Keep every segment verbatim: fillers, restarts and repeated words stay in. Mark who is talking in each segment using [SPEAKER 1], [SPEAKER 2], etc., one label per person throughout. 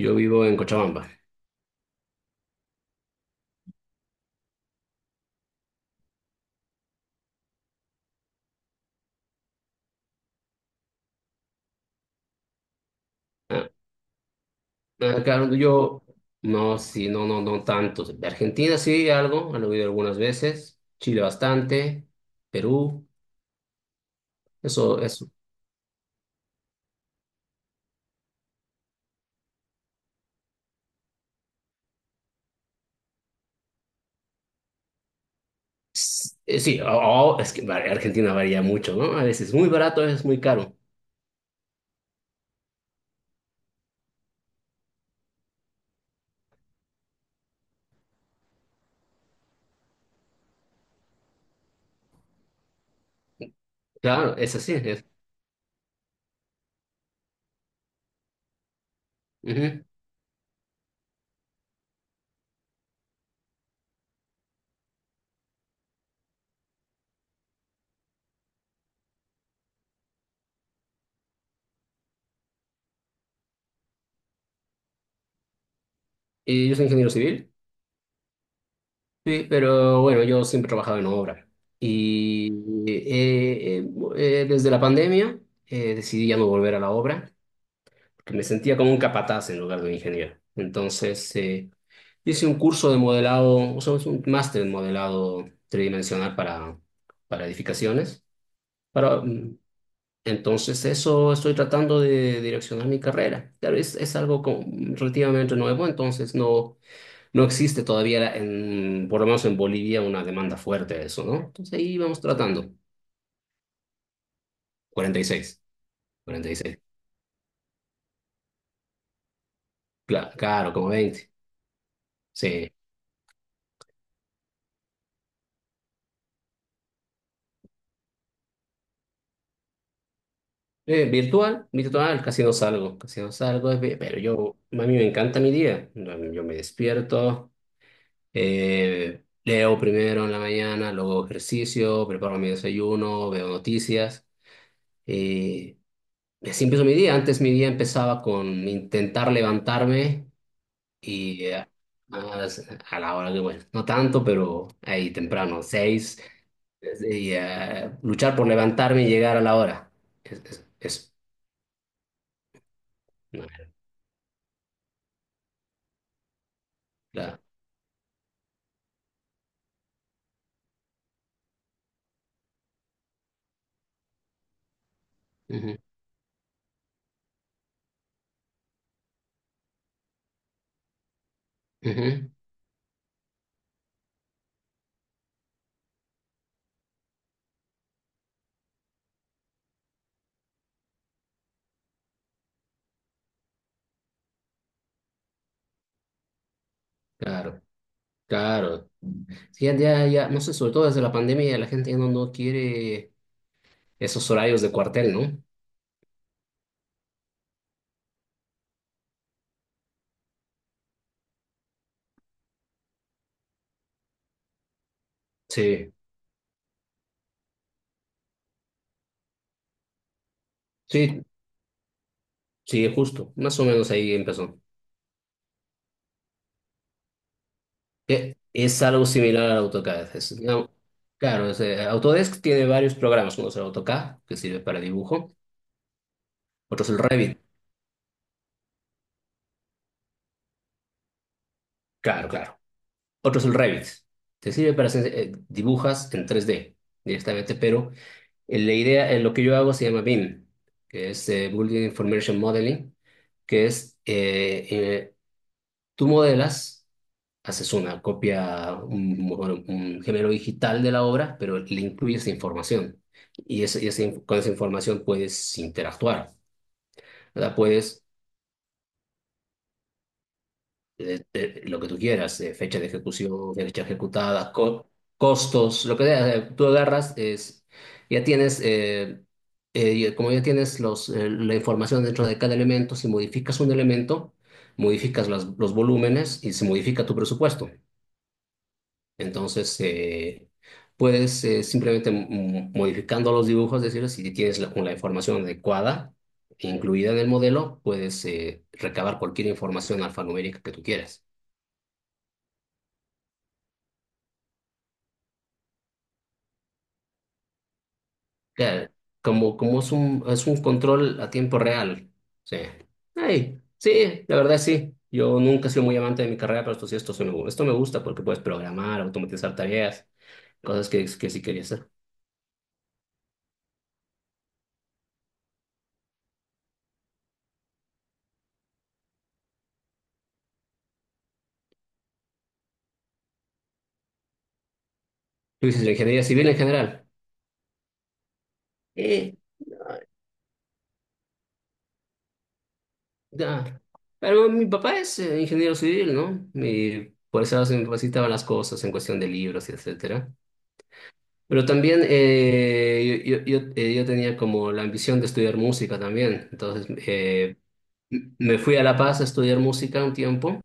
[SPEAKER 1] Yo vivo en Cochabamba. Ah. Acá donde yo, no, sí, no, no, no tanto. De Argentina, sí, algo, han oído algunas veces. Chile bastante. Perú. Eso, eso. S- eh, Sí, o- o- es que va- Argentina varía mucho, ¿no? A veces es muy barato, a veces es muy caro. Claro, es así. Es. Ujú. Y yo soy ingeniero civil. Sí, pero bueno, yo siempre he trabajado en obra. Y eh, eh, eh, desde la pandemia, eh, decidí ya no volver a la obra, que me sentía como un capataz en lugar de un ingeniero. Entonces, eh, hice un curso de modelado, o sea, es un máster en modelado tridimensional para, para edificaciones. Para, mm, entonces, eso estoy tratando de direccionar mi carrera. Claro, es, es algo como relativamente nuevo, entonces no, no existe todavía, en, por lo menos en Bolivia, una demanda fuerte de eso, ¿no? Entonces, ahí vamos tratando. cuarenta y seis. cuarenta y seis. Cla- Claro, como veinte. Sí. Eh, virtual, virtual, casi no salgo, casi no salgo, es vi- pero yo, a mí me encanta mi día. Yo me despierto, eh, leo primero en la mañana, luego hago ejercicio, preparo mi desayuno, veo noticias y así empiezo mi día. Antes mi día empezaba con intentar levantarme y eh, a, a la hora que, bueno, no tanto, pero ahí temprano, seis, y eh, luchar por levantarme y llegar a la hora. Es, es, es- no, la- Ujú. Ujú. Claro, claro. Sí, ya, ya, ya, no sé, sobre todo desde la pandemia la gente ya no, no quiere esos horarios de cuartel, ¿no? Sí, sí, sí, justo, más o menos ahí empezó. Que es algo similar al AutoCAD, es, digamos, claro, es, eh, Autodesk tiene varios programas: uno es el AutoCAD, que sirve para dibujo, otro es el Revit, claro, claro, otro es el Revit, te sirve para hacer, eh, dibujas en tres D directamente. Pero Eh, la idea, eh, lo que yo hago se llama BIM, que es eh, Building Information Modeling, que es, eh, eh, tú modelas, haces una copia, un, bueno, un género digital de la obra, pero le incluyes información. Y, esa- y esa inf- con esa información puedes interactuar, ¿verdad? Puedes eh, eh, lo que tú quieras: eh, fecha de ejecución, fecha ejecutada, co- costos, lo que sea. Eh, tú agarras, es, ya tienes, eh, eh, ya- como ya tienes los, eh, la información dentro de cada elemento, si modificas un elemento, modificas las- los volúmenes y se modifica tu presupuesto. Entonces, eh, puedes eh, simplemente, mm, modificando los dibujos, decir, si tienes la, la información adecuada, incluida en el modelo, puedes eh, recabar cualquier información alfanumérica que tú quieras. Claro, como, como es un, es un control a tiempo real. Sí. Ay, sí, la verdad sí. Yo nunca he sido muy amante de mi carrera, pero esto sí, esto, sí me, gu- esto me gusta porque puedes programar, automatizar tareas, cosas que, que sí quería hacer. Tú dices la ingeniería civil en general. Eh, ya. Pero mi papá es eh, ingeniero civil, ¿no? Y por eso se me facilitaban las cosas en cuestión de libros y etcétera. Pero también, eh, yo, yo, yo, eh, yo tenía como la ambición de estudiar música también. Entonces, eh, m- me fui a La Paz a estudiar música un tiempo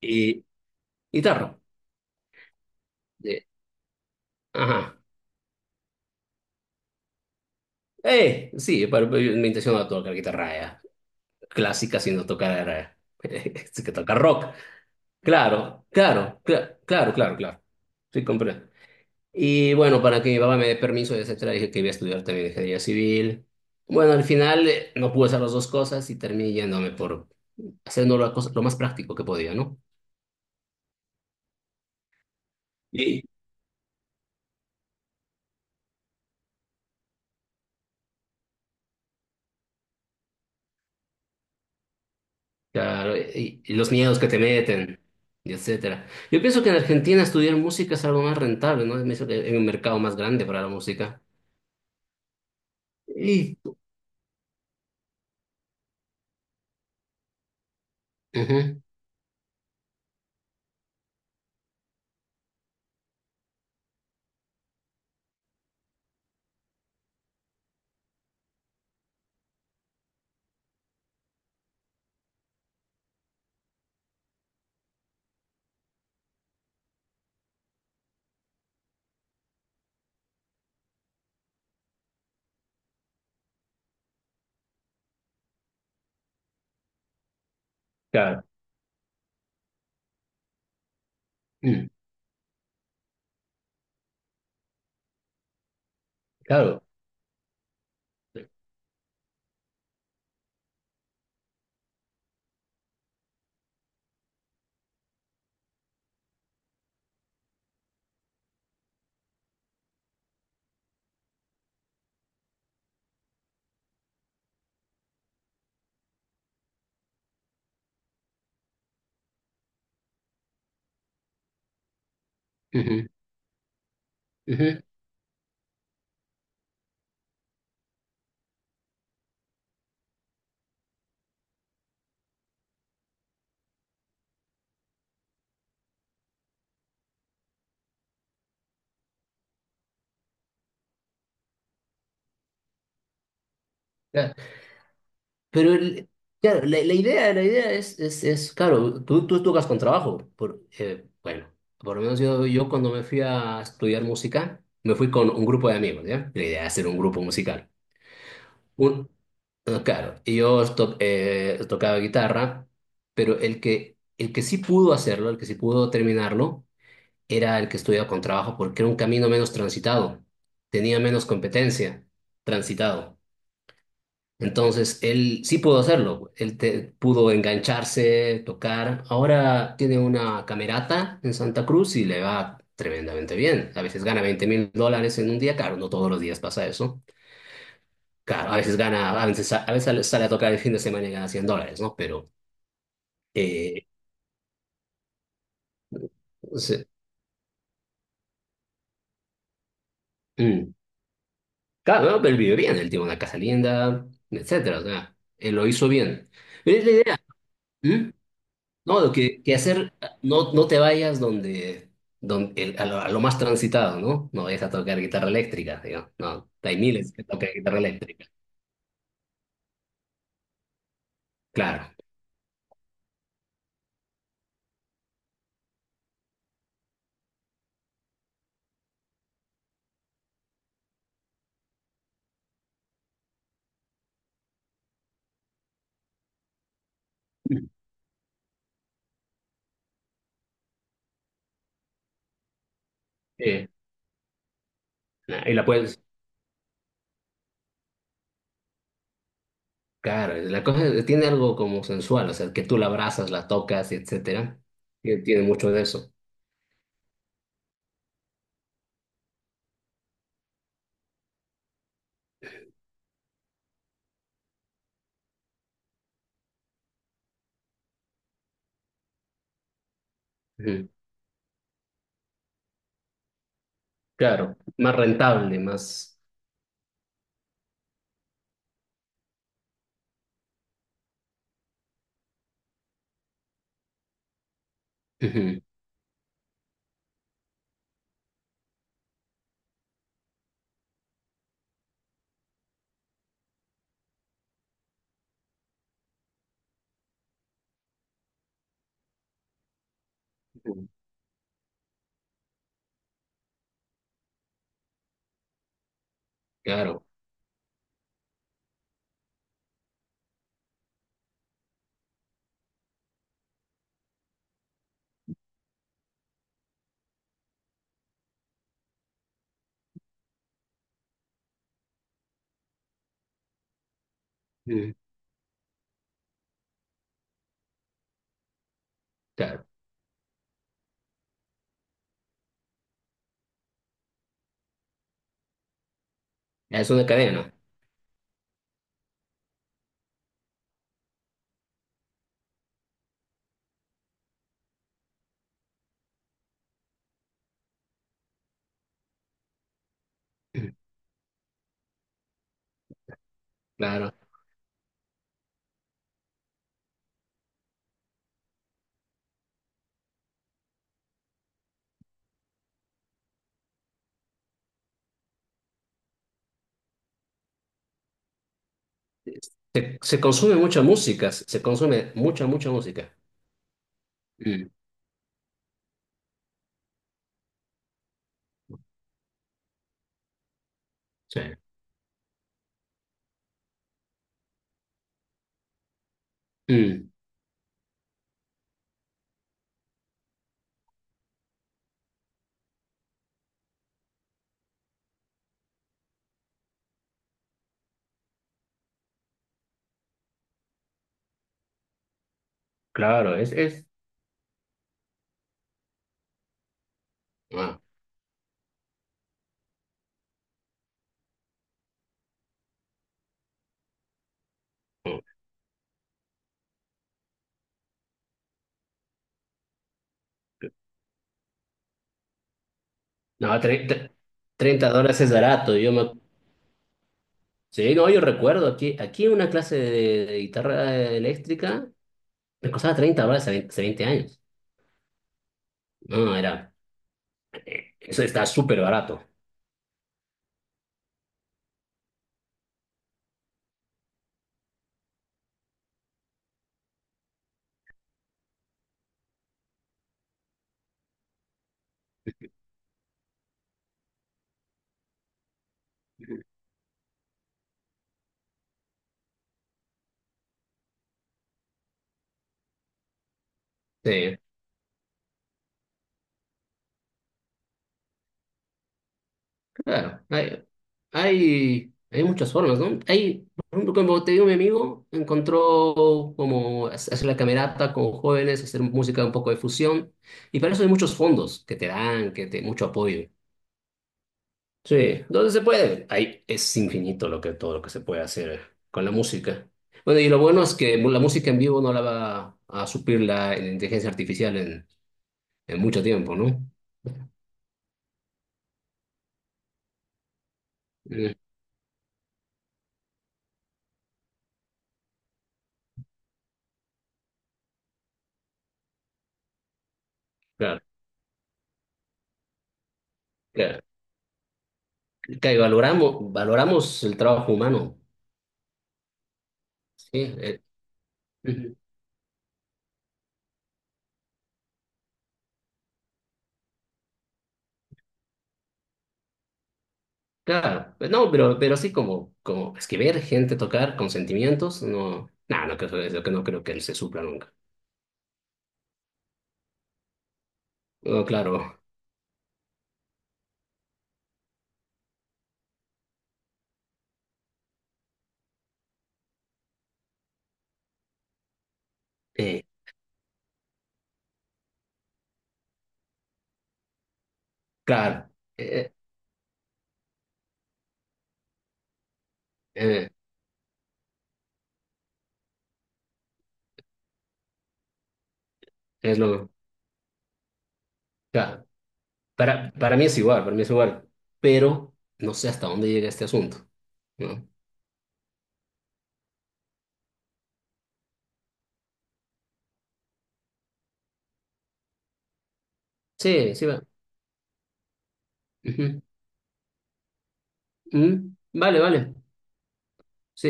[SPEAKER 1] y guitarra. De- ajá. Eh, sí, pero, pero yo- mi intención era tocar guitarra, ya, clásica, sino tocar era, sí que tocar rock. Claro, claro, cla- claro, claro, claro. Sí, compré. Y bueno, para que mi papá me dé permiso, etcétera, dije que iba a estudiar también ingeniería civil. Bueno, al final, eh, no pude hacer las dos cosas y terminé yéndome por haciendo la cosa- lo más práctico que podía, ¿no? Y. Claro, y, y los miedos que te meten, y etcétera. Yo pienso que en Argentina estudiar música es algo más rentable, ¿no? Es es un mercado más grande para la música. Y. Ujú. Claro. Mm, claro. Ujú, ujú, claro. Pero el- claro, la, la idea, la idea es, es, es, claro, tú, tú tocas con trabajo. Por, eh, bueno, por lo menos yo, yo cuando me fui a estudiar música, me fui con un grupo de amigos, ¿ya? La idea era hacer un grupo musical. Un, eh, claro, y yo to- eh, tocaba guitarra, pero el que, el que sí pudo hacerlo, el que sí pudo terminarlo, era el que estudiaba con trabajo porque era un camino menos transitado, tenía menos competencia transitado. Entonces, él sí pudo hacerlo, él te- pudo engancharse, tocar. Ahora tiene una camerata en Santa Cruz y le va tremendamente bien. A veces gana veinte mil dólares en un día, claro, no todos los días pasa eso. Claro, a veces gana, a veces, a veces sale a tocar el fin de semana y gana cien dólares, ¿no? Pero, eh, o sea, mm, claro, ¿no? Pero él vive bien, él tiene una casa linda, etcétera, o sea, él lo hizo bien. Pero es la idea, ¿m? ¿No? Lo que, que hacer, no, no te vayas donde, donde el- a lo, a lo más transitado, ¿no? No vayas a tocar guitarra eléctrica, digo, no, hay miles que tocan guitarra eléctrica, claro. Mm. Eh, nah, y la puedes, claro, la cosa es- tiene algo como sensual, o sea, que tú la abrazas, la tocas, etcétera. Tiene tiene mucho de eso. Ujú. Claro, más rentable, más. Ujú. Ujú. Claro. Ujú. Claro. Es una cadena. Ujú. Claro. Se, se consume mucha música, se se consume mucha, mucha música. Mm. Sí. Mm. Claro, es, es. Ah, mm. No, treinta, 30 dólares es barato. Yo me... Sí, no, yo recuerdo aquí, aquí una clase de, de guitarra eléctrica. Me costaba treinta dólares hace veinte, hace veinte años. No, era. Eso está súper barato. Sí, claro. Hay, hay, hay muchas formas, ¿no? Hay, por ejemplo, como te digo, mi amigo encontró como hacer la camerata con jóvenes, hacer música un poco de fusión. Y para eso hay muchos fondos que te dan, que te mucho apoyo. Sí, entonces se puede. Ahí es infinito lo que, todo lo que se puede hacer con la música. Bueno, y lo bueno es que la música en vivo no la va a suplir la, la inteligencia artificial en en mucho tiempo, ¿no? Mm, claro, claro. Claro, y valoramos, valoramos el trabajo humano, ¿sí? Eh, ujú. Claro, pues, no, pero, pero sí como, como escribir, gente tocar con sentimientos, no, nah, no, creo- es lo que no creo que se supla nunca. No, claro, eh, claro, eh, eh, eh, es lo, claro. Para, para mí es igual, para mí es igual, pero no sé hasta dónde llega este asunto, ¿no? Sí, sí va. Ujú. Mm, vale, vale. Sí,